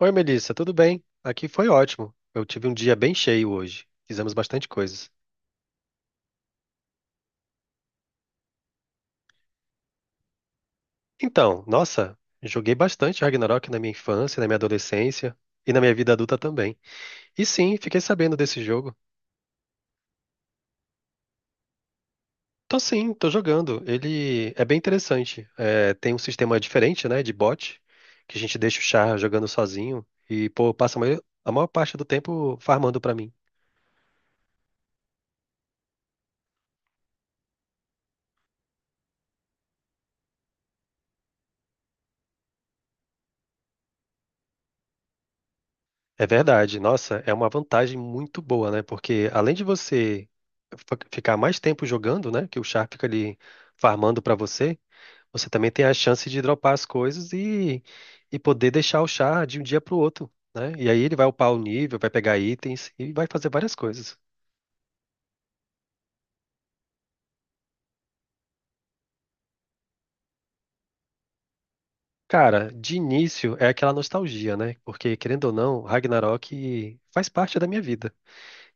Oi, Melissa, tudo bem? Aqui foi ótimo. Eu tive um dia bem cheio hoje. Fizemos bastante coisas. Então, nossa, joguei bastante Ragnarok na minha infância, na minha adolescência e na minha vida adulta também. E sim, fiquei sabendo desse jogo. Tô sim, tô jogando. Ele é bem interessante. É, tem um sistema diferente, né, de bot, que a gente deixa o char jogando sozinho e, pô, passa a maior parte do tempo farmando pra mim. É verdade. Nossa, é uma vantagem muito boa, né? Porque além de você ficar mais tempo jogando, né? Que o char fica ali farmando pra você, você também tem a chance de dropar as coisas e poder deixar o char de um dia pro outro, né? E aí ele vai upar o nível, vai pegar itens e vai fazer várias coisas. Cara, de início é aquela nostalgia, né? Porque, querendo ou não, Ragnarok faz parte da minha vida.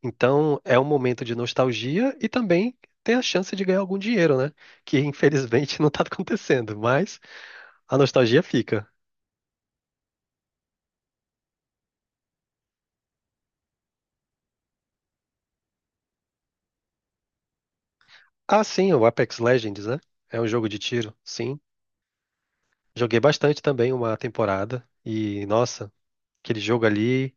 Então, é um momento de nostalgia e também tem a chance de ganhar algum dinheiro, né? Que infelizmente não tá acontecendo, mas a nostalgia fica. Ah, sim, o Apex Legends, né? É um jogo de tiro, sim. Joguei bastante também uma temporada e, nossa, aquele jogo ali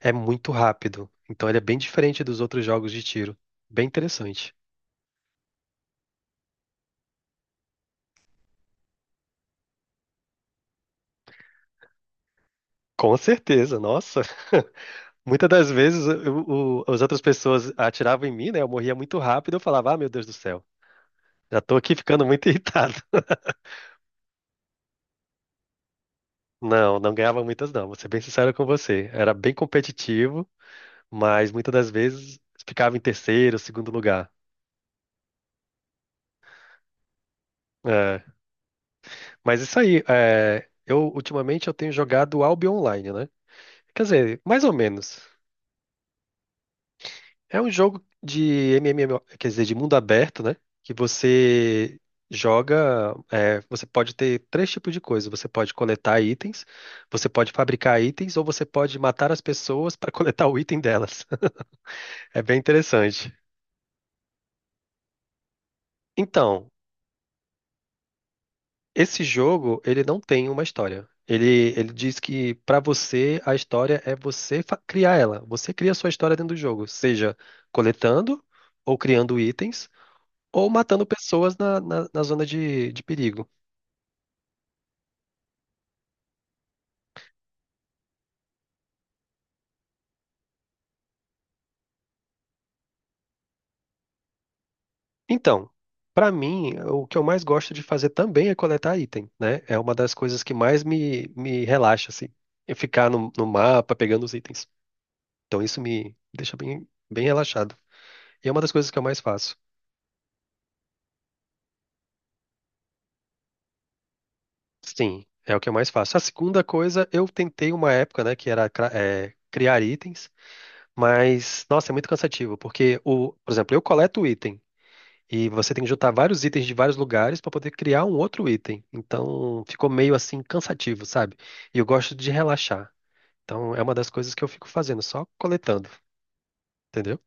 é muito rápido. Então, ele é bem diferente dos outros jogos de tiro. Bem interessante. Com certeza, nossa. Muitas das vezes as outras pessoas atiravam em mim, né? Eu morria muito rápido, eu falava, ah, meu Deus do céu. Já tô aqui ficando muito irritado. Não, não ganhava muitas não, vou ser bem sincero com você. Era bem competitivo, mas muitas das vezes ficava em terceiro, segundo lugar. É, mas isso aí, é, eu ultimamente eu tenho jogado Albion Online, né? Quer dizer, mais ou menos. É um jogo de MMO, quer dizer, de mundo aberto, né? Que você joga, é, você pode ter três tipos de coisa. Você pode coletar itens, você pode fabricar itens ou você pode matar as pessoas para coletar o item delas. É bem interessante. Então, esse jogo, ele não tem uma história. Ele diz que pra você a história é você criar ela. Você cria a sua história dentro do jogo, seja coletando ou criando itens ou matando pessoas na zona de perigo. Então, pra mim, o que eu mais gosto de fazer também é coletar item, né? É uma das coisas que mais me relaxa, assim. É ficar no mapa pegando os itens. Então, isso me deixa bem relaxado. E é uma das coisas que eu mais faço. Sim, é o que eu mais faço. A segunda coisa, eu tentei uma época, né, que era criar itens, mas, nossa, é muito cansativo, porque, o, por exemplo, eu coleto o item, e você tem que juntar vários itens de vários lugares para poder criar um outro item. Então, ficou meio assim cansativo, sabe? E eu gosto de relaxar. Então, é uma das coisas que eu fico fazendo, só coletando, entendeu?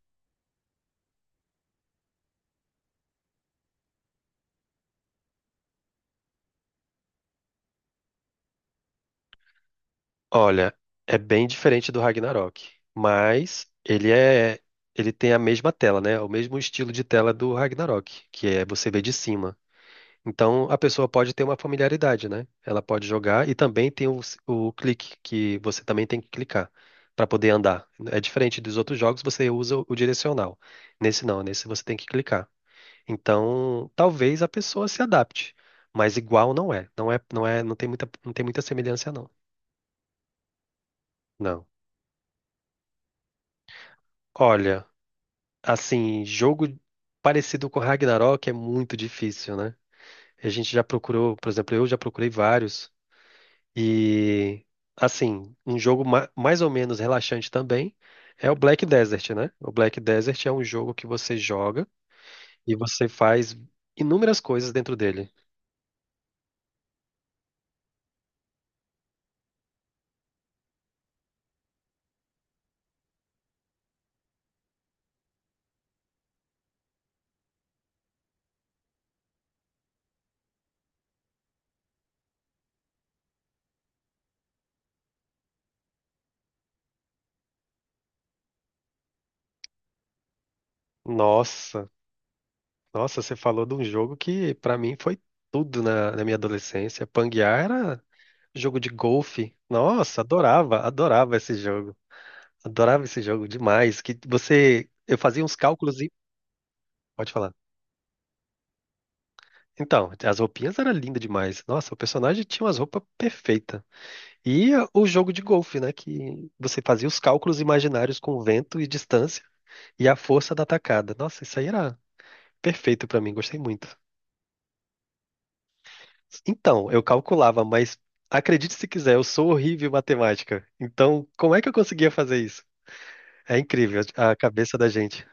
Olha, é bem diferente do Ragnarok, mas ele é, ele tem a mesma tela, né? O mesmo estilo de tela do Ragnarok, que é você vê de cima. Então a pessoa pode ter uma familiaridade, né? Ela pode jogar e também tem o clique, que você também tem que clicar para poder andar. É diferente dos outros jogos, você usa o direcional. Nesse não, nesse você tem que clicar. Então, talvez a pessoa se adapte, mas igual não é. Não é, não é, não tem muita, não tem muita semelhança, não. Não. Olha. Assim, jogo parecido com Ragnarok é muito difícil, né? A gente já procurou, por exemplo, eu já procurei vários. E, assim, um jogo mais ou menos relaxante também é o Black Desert, né? O Black Desert é um jogo que você joga e você faz inúmeras coisas dentro dele. Nossa, nossa, você falou de um jogo que pra mim foi tudo na minha adolescência. Panguear era jogo de golfe. Nossa, adorava esse jogo. Adorava esse jogo demais. Que você, eu fazia uns cálculos e pode falar. Então, as roupinhas eram lindas demais. Nossa, o personagem tinha umas roupas perfeitas. E o jogo de golfe, né? Que você fazia os cálculos imaginários com vento e distância e a força da atacada. Nossa, isso aí era perfeito pra mim, gostei muito. Então, eu calculava, mas acredite se quiser, eu sou horrível em matemática. Então, como é que eu conseguia fazer isso? É incrível a cabeça da gente.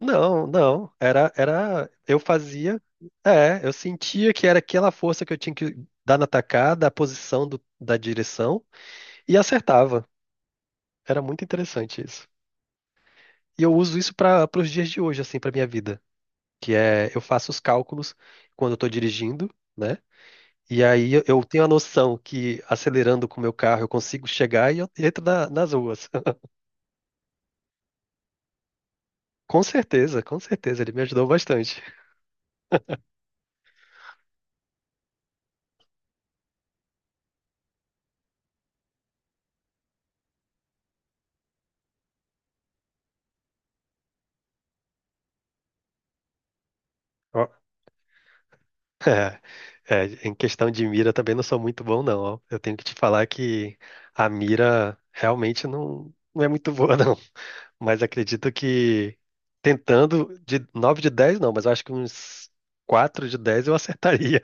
Não, não. Era, era. Eu fazia. É, eu sentia que era aquela força que eu tinha que dar na tacada, a posição da direção, e acertava. Era muito interessante isso. E eu uso isso para os dias de hoje, assim, para minha vida. Que é, eu faço os cálculos quando eu estou dirigindo, né? E aí eu tenho a noção que acelerando com o meu carro eu consigo chegar e eu entro nas ruas. Com certeza, ele me ajudou bastante. Ó, é, em questão de mira também não sou muito bom, não. Ó. Eu tenho que te falar que a mira realmente não é muito boa, não. Mas acredito que tentando de 9 de 10 não, mas eu acho que uns 4 de 10 eu acertaria.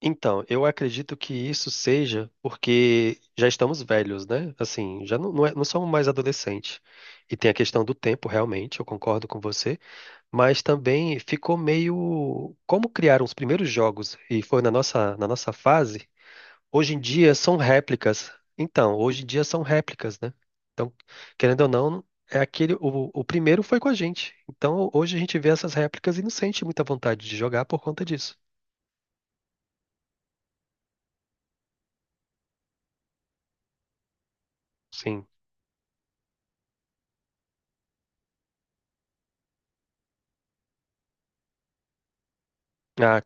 Então, eu acredito que isso seja porque já estamos velhos, né? Assim, já não somos mais adolescentes. E tem a questão do tempo, realmente, eu concordo com você. Mas também ficou meio. Como criaram os primeiros jogos e foi na nossa fase, hoje em dia são réplicas. Então, hoje em dia são réplicas, né? Então, querendo ou não, é aquele. O primeiro foi com a gente. Então, hoje a gente vê essas réplicas e não sente muita vontade de jogar por conta disso. Sim. Ah.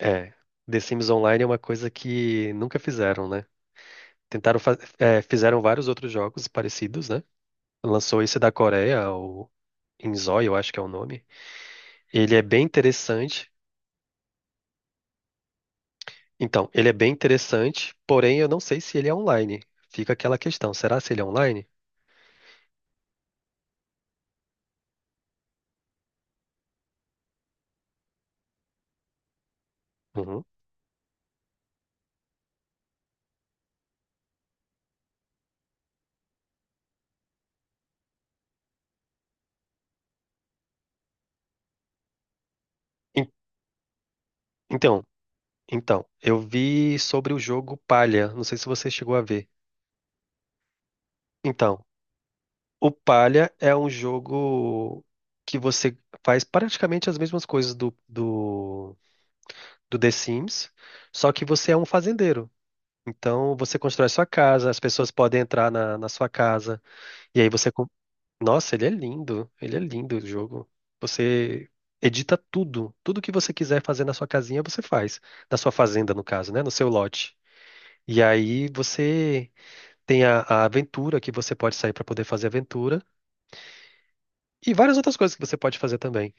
É, The Sims Online é uma coisa que nunca fizeram, né? Tentaram fizeram vários outros jogos parecidos, né? Lançou esse da Coreia, o Inzoi, eu acho que é o nome. Ele é bem interessante. Então, ele é bem interessante, porém eu não sei se ele é online. Fica aquela questão, será se ele é online? Uhum. En- Então, eu vi sobre o jogo Palha, não sei se você chegou a ver. Então, o Palha é um jogo que você faz praticamente as mesmas coisas do The Sims, só que você é um fazendeiro. Então você constrói sua casa, as pessoas podem entrar na sua casa, e aí você. Nossa, ele é lindo o jogo. Você edita tudo, tudo que você quiser fazer na sua casinha, você faz. Na sua fazenda, no caso, né? No seu lote. E aí você tem a aventura que você pode sair para poder fazer aventura. E várias outras coisas que você pode fazer também.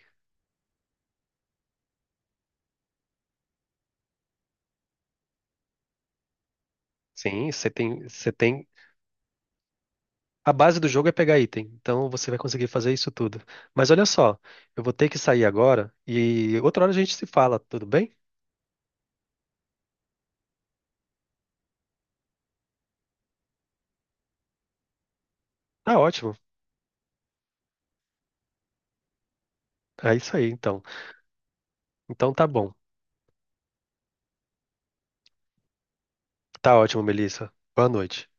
Sim, você tem a base do jogo é pegar item, então você vai conseguir fazer isso tudo. Mas olha só, eu vou ter que sair agora e outra hora a gente se fala, tudo bem? Tá ótimo. É isso aí, então. Então tá bom. Tá ótimo, Melissa. Boa noite.